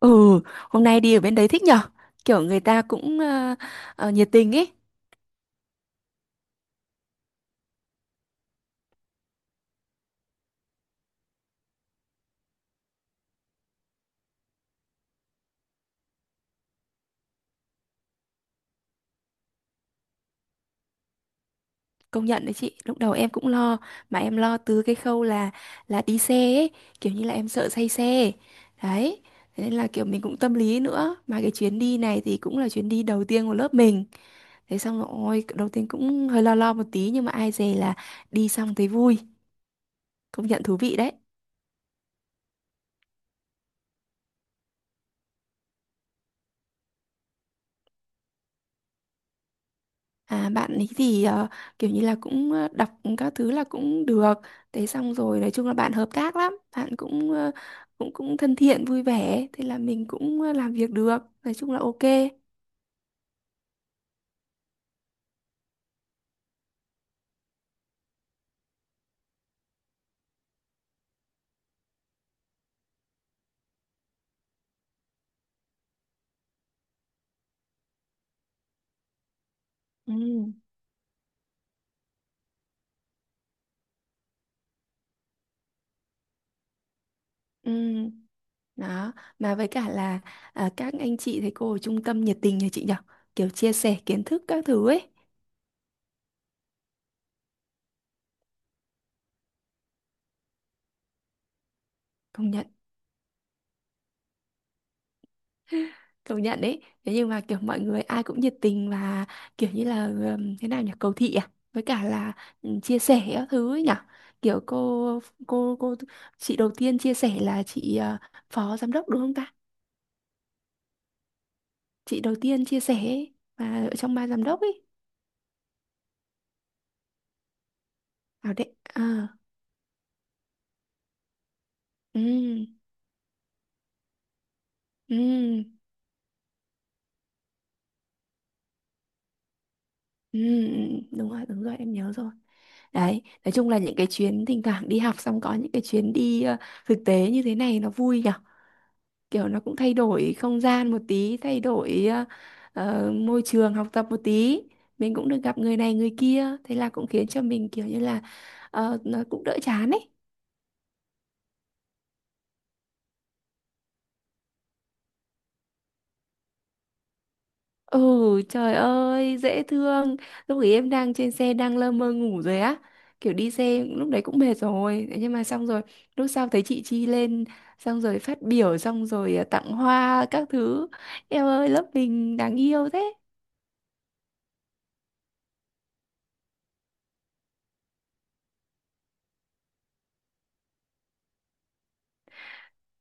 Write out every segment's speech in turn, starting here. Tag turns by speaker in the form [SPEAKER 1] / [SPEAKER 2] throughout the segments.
[SPEAKER 1] Ừ, hôm nay đi ở bên đấy thích nhở? Kiểu người ta cũng nhiệt tình ấy. Công nhận đấy chị, lúc đầu em cũng lo mà em lo từ cái khâu là đi xe ấy, kiểu như là em sợ say xe. Đấy, thế nên là kiểu mình cũng tâm lý nữa. Mà cái chuyến đi này thì cũng là chuyến đi đầu tiên của lớp mình. Thế xong rồi, ôi, đầu tiên cũng hơi lo lo một tí nhưng mà ai dè là đi xong thấy vui, công nhận thú vị đấy. À, bạn ấy thì kiểu như là cũng đọc các thứ là cũng được. Thế xong rồi nói chung là bạn hợp tác lắm, bạn cũng cũng cũng thân thiện vui vẻ, thế là mình cũng làm việc được. Nói chung là ok. Ừ. Ừ. Đó, mà với cả là à, các anh chị thầy cô ở trung tâm nhiệt tình nhà chị nhở. Kiểu chia sẻ kiến thức các thứ ấy. Công nhận. Công nhận đấy, thế nhưng mà kiểu mọi người ai cũng nhiệt tình và kiểu như là thế nào nhỉ, cầu thị à, với cả là chia sẻ các thứ ấy nhỉ. Kiểu cô chị đầu tiên chia sẻ là chị phó giám đốc đúng không ta, chị đầu tiên chia sẻ ấy, mà ở trong ban giám đốc ấy. À đấy à. Ừ. Ừ. Ừ đúng rồi, đúng rồi em nhớ rồi. Đấy, nói chung là những cái chuyến thỉnh thoảng đi học xong, có những cái chuyến đi thực tế như thế này nó vui nhỉ. Kiểu nó cũng thay đổi không gian một tí, thay đổi môi trường học tập một tí, mình cũng được gặp người này người kia, thế là cũng khiến cho mình kiểu như là nó cũng đỡ chán ấy. Ừ. Trời ơi dễ thương. Lúc ấy em đang trên xe đang lơ mơ ngủ rồi á, kiểu đi xe lúc đấy cũng mệt rồi. Thế nhưng mà xong rồi lúc sau thấy chị Chi lên, xong rồi phát biểu, xong rồi tặng hoa các thứ. Em ơi, lớp mình đáng yêu thế.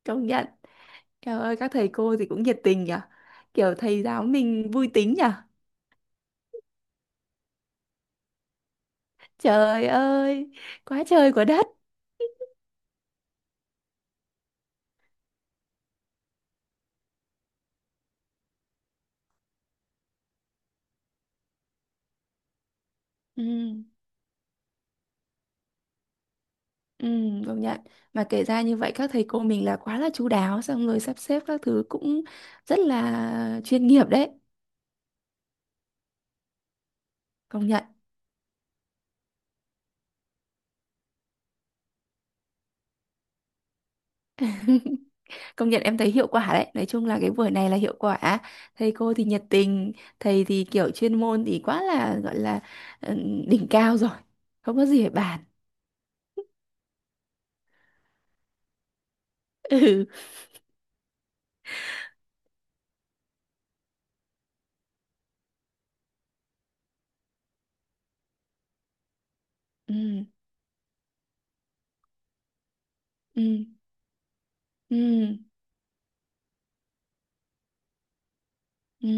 [SPEAKER 1] Công nhận. Trời ơi các thầy cô thì cũng nhiệt tình nhỉ. Kiểu thầy giáo mình vui tính nhỉ. Trời ơi. Quá trời quá đất. Ừ, ừ, công nhận. Mà kể ra như vậy các thầy cô mình là quá là chu đáo. Xong rồi sắp xếp các thứ cũng rất là chuyên nghiệp đấy. Công nhận. Công nhận em thấy hiệu quả đấy. Nói chung là cái buổi này là hiệu quả. Thầy cô thì nhiệt tình. Thầy thì kiểu chuyên môn thì quá là gọi là ừ, đỉnh cao rồi, không có gì để bàn. Ừ. Ừ. Ừ. Ừ. Ừ.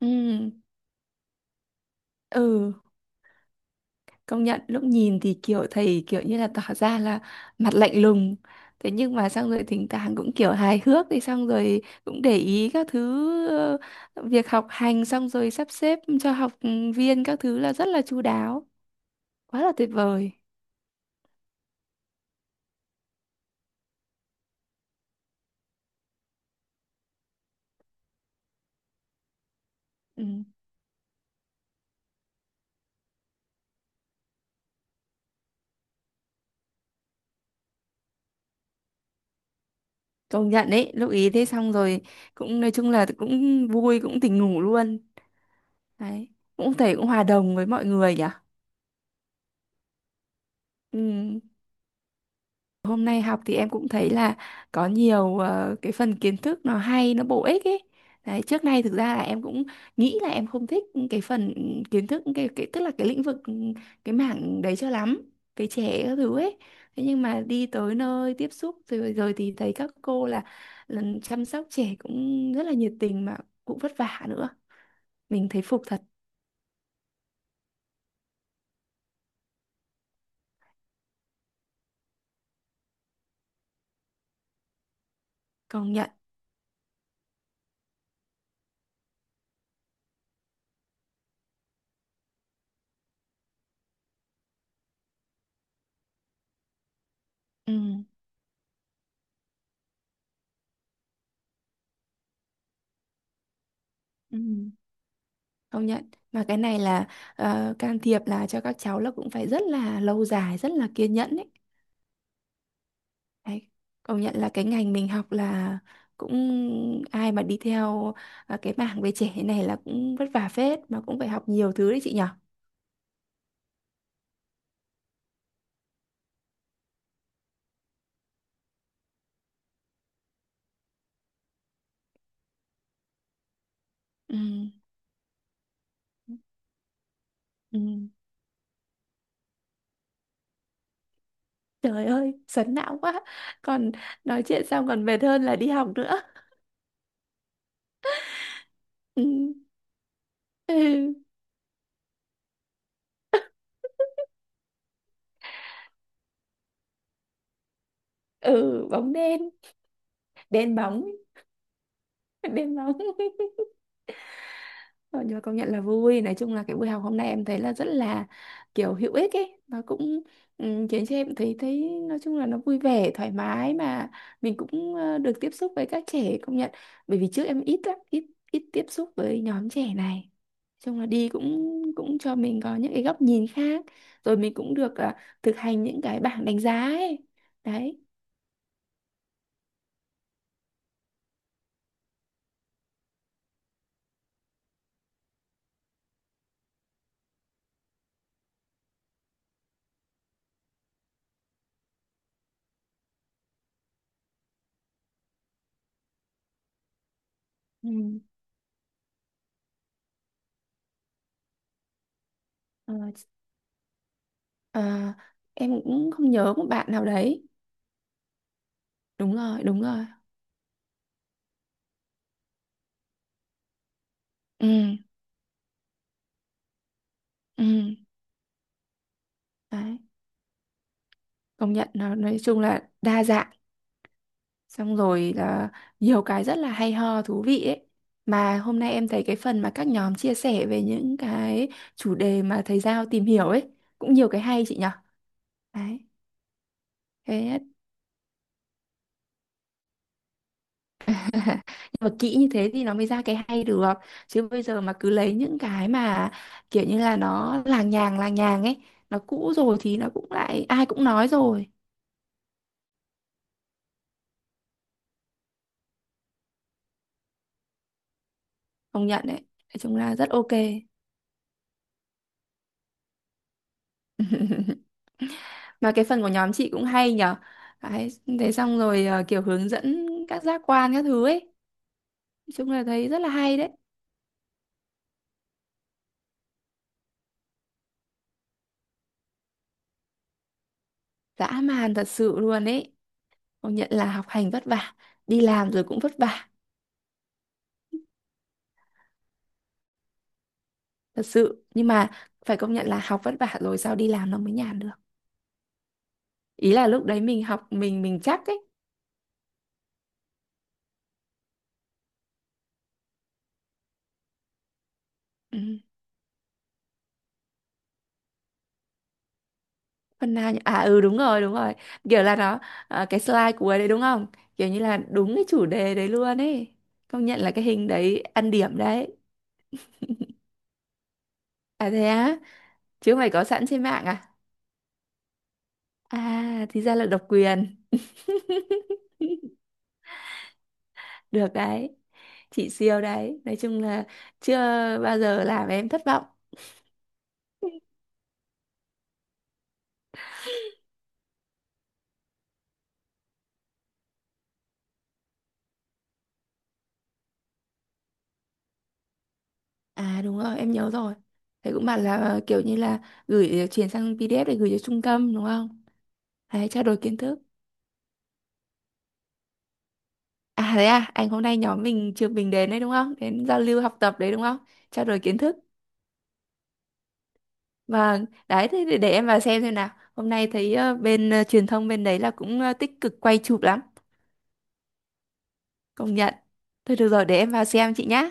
[SPEAKER 1] Ừ. Ừ, công nhận lúc nhìn thì kiểu thầy kiểu như là tỏ ra là mặt lạnh lùng. Thế nhưng mà xong rồi thỉnh thoảng cũng kiểu hài hước, thì xong rồi cũng để ý các thứ, ờ, việc học hành, xong rồi sắp xếp cho học viên các thứ là rất là chu đáo. Quá là tuyệt vời. Ừ. Công nhận đấy, lúc ý thế xong rồi cũng nói chung là cũng vui, cũng tỉnh ngủ luôn. Đấy, cũng thầy cũng hòa đồng với mọi người nhỉ. Ừ. Hôm nay học thì em cũng thấy là có nhiều cái phần kiến thức nó hay, nó bổ ích ấy. Đấy, trước nay thực ra là em cũng nghĩ là em không thích cái phần kiến thức cái, tức là cái lĩnh vực cái mảng đấy cho lắm, cái trẻ các thứ ấy. Thế nhưng mà đi tới nơi tiếp xúc rồi rồi thì thấy các cô là chăm sóc trẻ cũng rất là nhiệt tình mà cũng vất vả nữa. Mình thấy phục thật, công nhận. Ừ. Ừ. Công nhận, mà cái này là can thiệp là cho các cháu là cũng phải rất là lâu dài, rất là kiên nhẫn ấy. Đấy. Công nhận là cái ngành mình học là cũng ai mà đi theo cái mảng về trẻ này là cũng vất vả phết mà cũng phải học nhiều thứ đấy chị nhở. Ừ. Ừ. Trời ơi sấn não quá, còn nói chuyện xong còn mệt hơn là đi học nữa. Ừ. Ừ. Ừ bóng đen. Đen bóng. Đen bóng. Ờ, nhưng mà công nhận là vui, nói chung là cái buổi học hôm nay em thấy là rất là kiểu hữu ích ấy, nó cũng khiến cho em thấy thấy nói chung là nó vui vẻ thoải mái, mà mình cũng được tiếp xúc với các trẻ. Công nhận, bởi vì trước em ít lắm, ít ít tiếp xúc với nhóm trẻ này. Nói chung là đi cũng cũng cho mình có những cái góc nhìn khác, rồi mình cũng được thực hành những cái bảng đánh giá ấy. Đấy. Ừ. Ờ, ờ, em cũng không nhớ một bạn nào đấy. Đúng rồi, đúng rồi. Ừ. Ừ. Đấy, công nhận nó nói chung là đa dạng, xong rồi là nhiều cái rất là hay ho thú vị ấy. Mà hôm nay em thấy cái phần mà các nhóm chia sẻ về những cái chủ đề mà thầy Giao tìm hiểu ấy cũng nhiều cái hay chị nhở. Đấy. Thế. Nhưng mà kỹ như thế thì nó mới ra cái hay được, chứ bây giờ mà cứ lấy những cái mà kiểu như là nó làng nhàng ấy, nó cũ rồi thì nó cũng lại ai cũng nói rồi. Công nhận đấy, nói chung là rất ok. Mà cái phần của nhóm chị cũng hay nhở. Đấy, thế xong rồi kiểu hướng dẫn các giác quan các thứ ấy. Nói chung là thấy rất là hay đấy. Dã man thật sự luôn ấy. Công nhận là học hành vất vả, đi làm rồi cũng vất vả, thật sự. Nhưng mà phải công nhận là học vất vả rồi sao đi làm nó mới nhàn được. Ý là lúc đấy mình học mình chắc ấy. Ừ, phần nào nhỉ? À ừ đúng rồi, đúng rồi. Kiểu là nó cái slide cuối đấy đúng không? Kiểu như là đúng cái chủ đề đấy luôn ấy. Công nhận là cái hình đấy ăn điểm đấy. À thế á, chứ mày có sẵn trên mạng à? À, thì ra là độc quyền. Được đấy, chị siêu đấy. Nói chung là chưa bao giờ làm em thất vọng. À đúng rồi, em nhớ rồi. Thầy cũng bảo là kiểu như là gửi chuyển sang PDF để gửi cho trung tâm đúng không? Đấy, trao đổi kiến thức. À thế à, anh hôm nay nhóm mình trường mình đến đấy đúng không? Đến giao lưu học tập đấy đúng không? Trao đổi kiến thức. Vâng, đấy thế để em vào xem nào. Hôm nay thấy bên truyền thông bên đấy là cũng tích cực quay chụp lắm. Công nhận. Thôi được rồi, để em vào xem chị nhá.